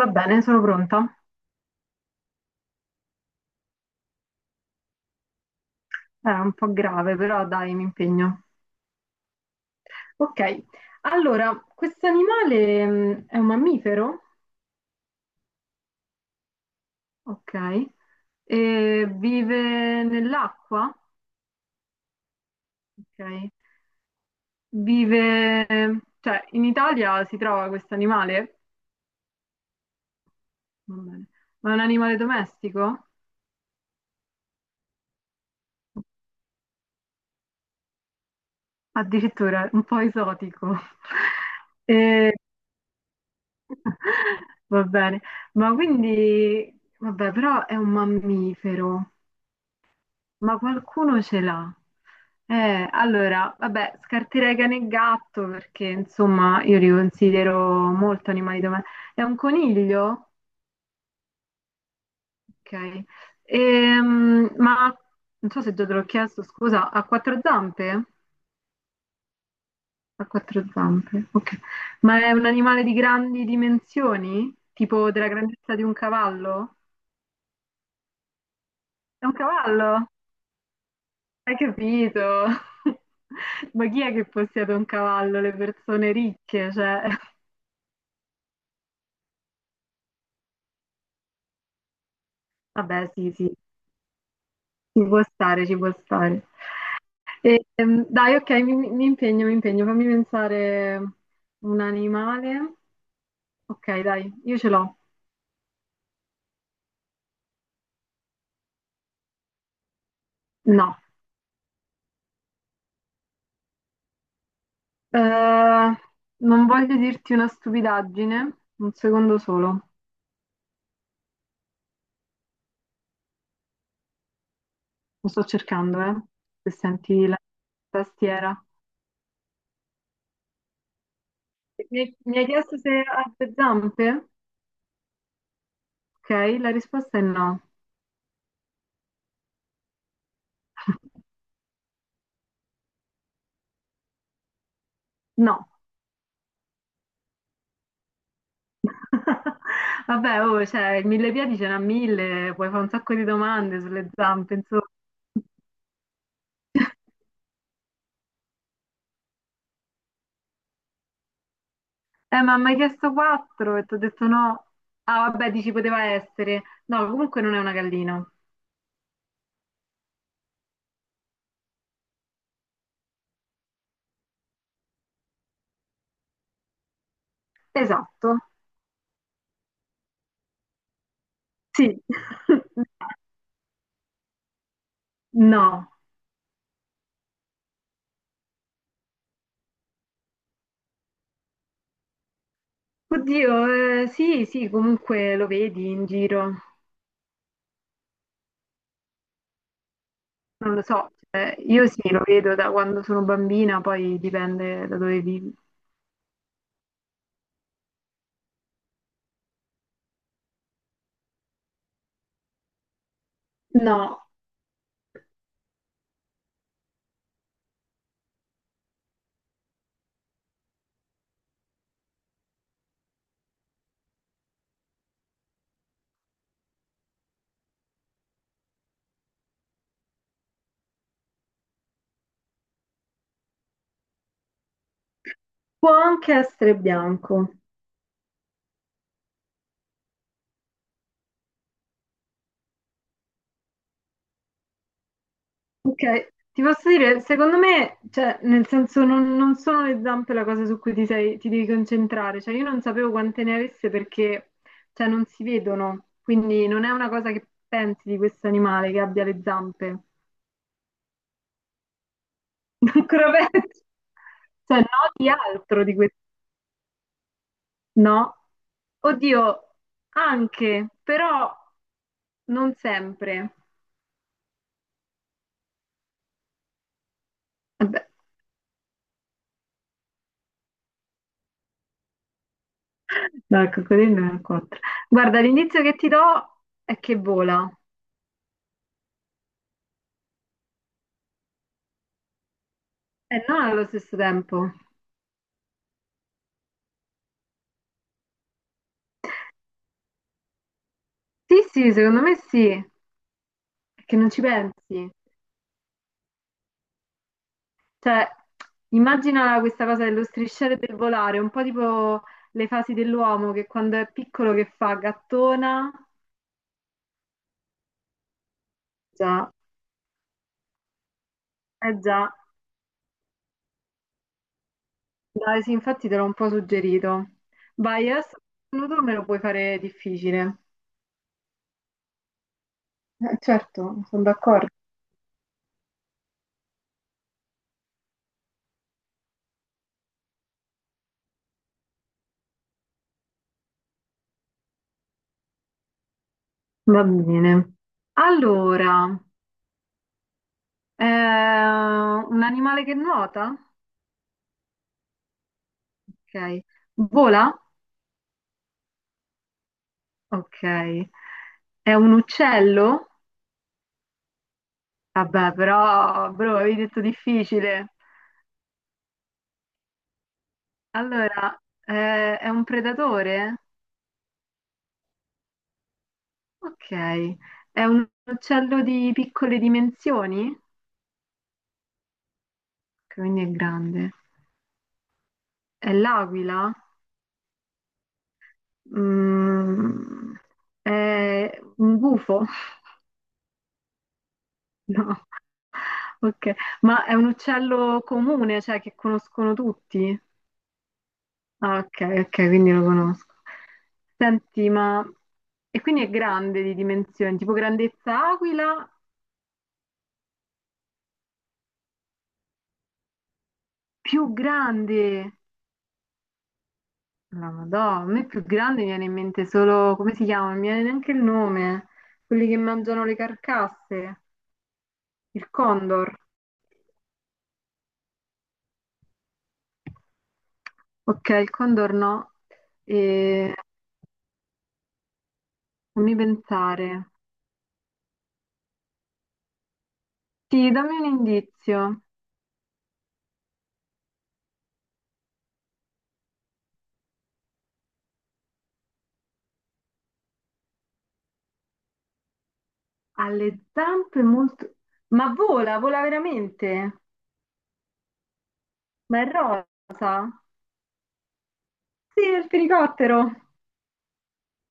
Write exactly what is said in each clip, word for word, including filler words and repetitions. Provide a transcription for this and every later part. Va bene, sono pronta. Era un po' grave, però dai, mi impegno. Ok, allora, questo animale mh, è un mammifero, ok, e vive nell'acqua, ok, vive, cioè in Italia si trova questo animale. Va bene, ma è un animale domestico? Addirittura un po' esotico. E- Va bene, ma quindi, vabbè, però è un mammifero. Ma qualcuno ce l'ha. Eh, allora, vabbè, scarterei cane e gatto perché insomma io li considero molto animali domestici. È un coniglio? Ok. Ehm, ma non so se già te l'ho chiesto, scusa, ha quattro zampe? Ha quattro zampe, ok. Ma è un animale di grandi dimensioni? Tipo della grandezza di un cavallo? È un cavallo? Hai capito? Ma chi è che possiede un cavallo? Le persone ricche, cioè... Vabbè, sì, sì, ci può stare, ci può stare. E, ehm, dai, ok, mi, mi impegno, mi impegno. Fammi pensare un animale. Ok, dai, io ce l'ho. No. Eh, non voglio dirti una stupidaggine, un secondo solo. Lo sto cercando, eh, se senti la tastiera. Mi, mi hai chiesto se ha due zampe? Ok, la risposta è no. No. Vabbè, oh, cioè, il mille piedi ce n'ha mille, puoi fare un sacco di domande sulle zampe, insomma. Eh, ma mi hai chiesto quattro e ti ho detto no. Ah, vabbè, dici poteva essere. No, comunque non è una gallina. Esatto. Sì. No. Oddio, eh, sì, sì, comunque lo vedi in giro. Non lo so, cioè, io sì, lo vedo da quando sono bambina, poi dipende da dove vivi. No, può anche essere bianco. Ok, ti posso dire, secondo me, cioè, nel senso, non, non sono le zampe la cosa su cui ti, sei- ti devi concentrare. Cioè, io non sapevo quante ne avesse perché, cioè, non si vedono, quindi non è una cosa che pensi di questo animale che abbia le zampe. Ancora peggio. Cioè, no, di altro di questo. No. Oddio, anche, però non sempre. Vabbè. No, il coccodrillo ne ha quattro. Guarda, l'indizio che ti do è che vola. E non allo stesso tempo. Sì, sì, secondo me sì, perché non ci pensi. Cioè, immagina questa cosa dello strisciare e del volare, un po' tipo le fasi dell'uomo che quando è piccolo che fa gattona. Già, eh già. Dai, sì, infatti te l'ho un po' suggerito. Vai, adesso tu me lo puoi fare difficile. Eh, certo, sono d'accordo. Va bene. Allora, eh, un animale che nuota? Ok. Vola? Ok. È un uccello? Vabbè, però, bro, avevi detto difficile. Allora, eh, è un predatore? Ok. È un uccello di piccole dimensioni? Ok, quindi è grande. È l'aquila? Mm, è un gufo? No. Ok. Ma è un uccello comune, cioè che conoscono tutti? Ah, ok, ok, quindi lo conosco. Senti, ma... E quindi è grande di dimensioni, tipo grandezza aquila, più grande. La Madonna, a me più grande mi viene in mente solo... come si chiama? Non mi viene neanche il nome. Quelli che mangiano le carcasse. Il condor. Ok, il condor no. E... Fammi pensare. Sì, dammi un indizio. Ha le zampe molto... Ma vola, vola veramente? Ma è rosa? Sì, è il fenicottero.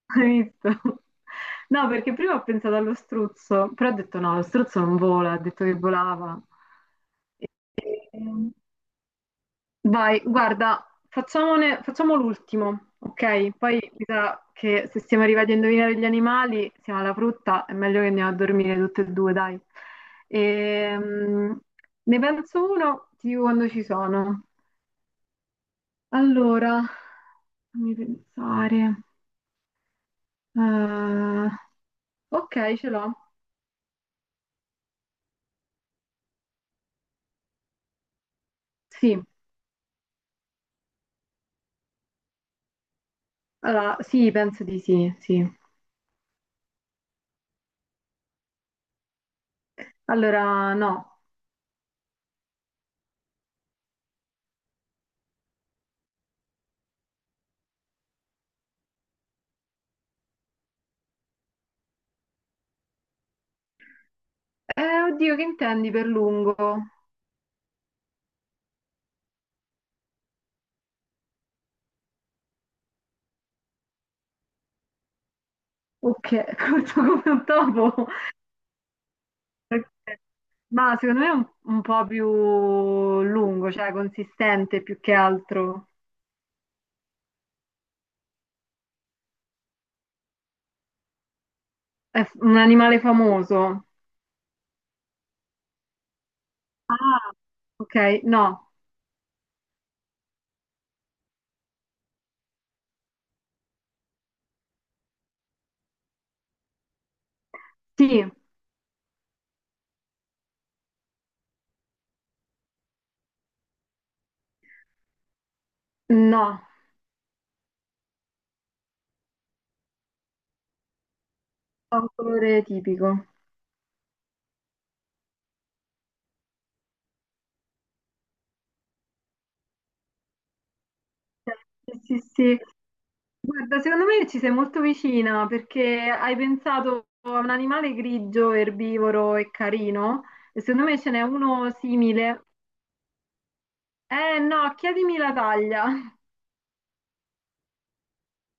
Hai visto? No, perché prima ho pensato allo struzzo, però ho detto no, lo struzzo non vola, ha detto che volava. Ehm, Vai, guarda, facciamone- facciamo l'ultimo, ok? Poi mi sa che se siamo arrivati a indovinare gli animali, siamo alla frutta, è meglio che andiamo a dormire tutte e due, dai. Ehm, ne penso uno, ti dico quando ci sono. Allora, fammi pensare. Eh, ok, ce l'ho. Sì, allora, sì, penso di sì, sì. Allora, no. Eh, oddio, che intendi per lungo? Ok, corto come un topo. Ok. Ma secondo me è un, un po' più lungo, cioè consistente più che altro. È f- un animale famoso. Ah, ok, no. Sì, no, ha un colore tipico. Sì, sì, sì. Guarda, secondo me ci sei molto vicina perché hai pensato a un animale grigio, erbivoro e carino e secondo me ce n'è uno simile. Eh no, chiedimi la taglia.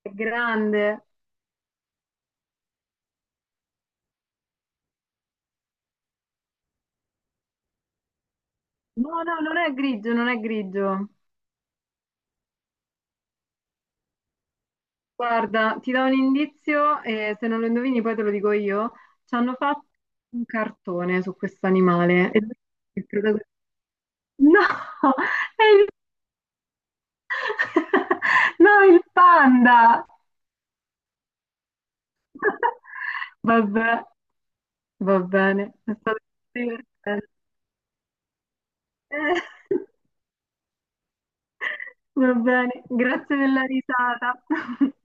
È grande. No, no, non è grigio, non è grigio. Guarda, ti do un indizio e se non lo indovini poi te lo dico io. Ci hanno fatto un cartone su questo animale. E il protagonista- No, è il... no, il panda. Vabbè, va bene, è stato divertente. Va bene, grazie della risata.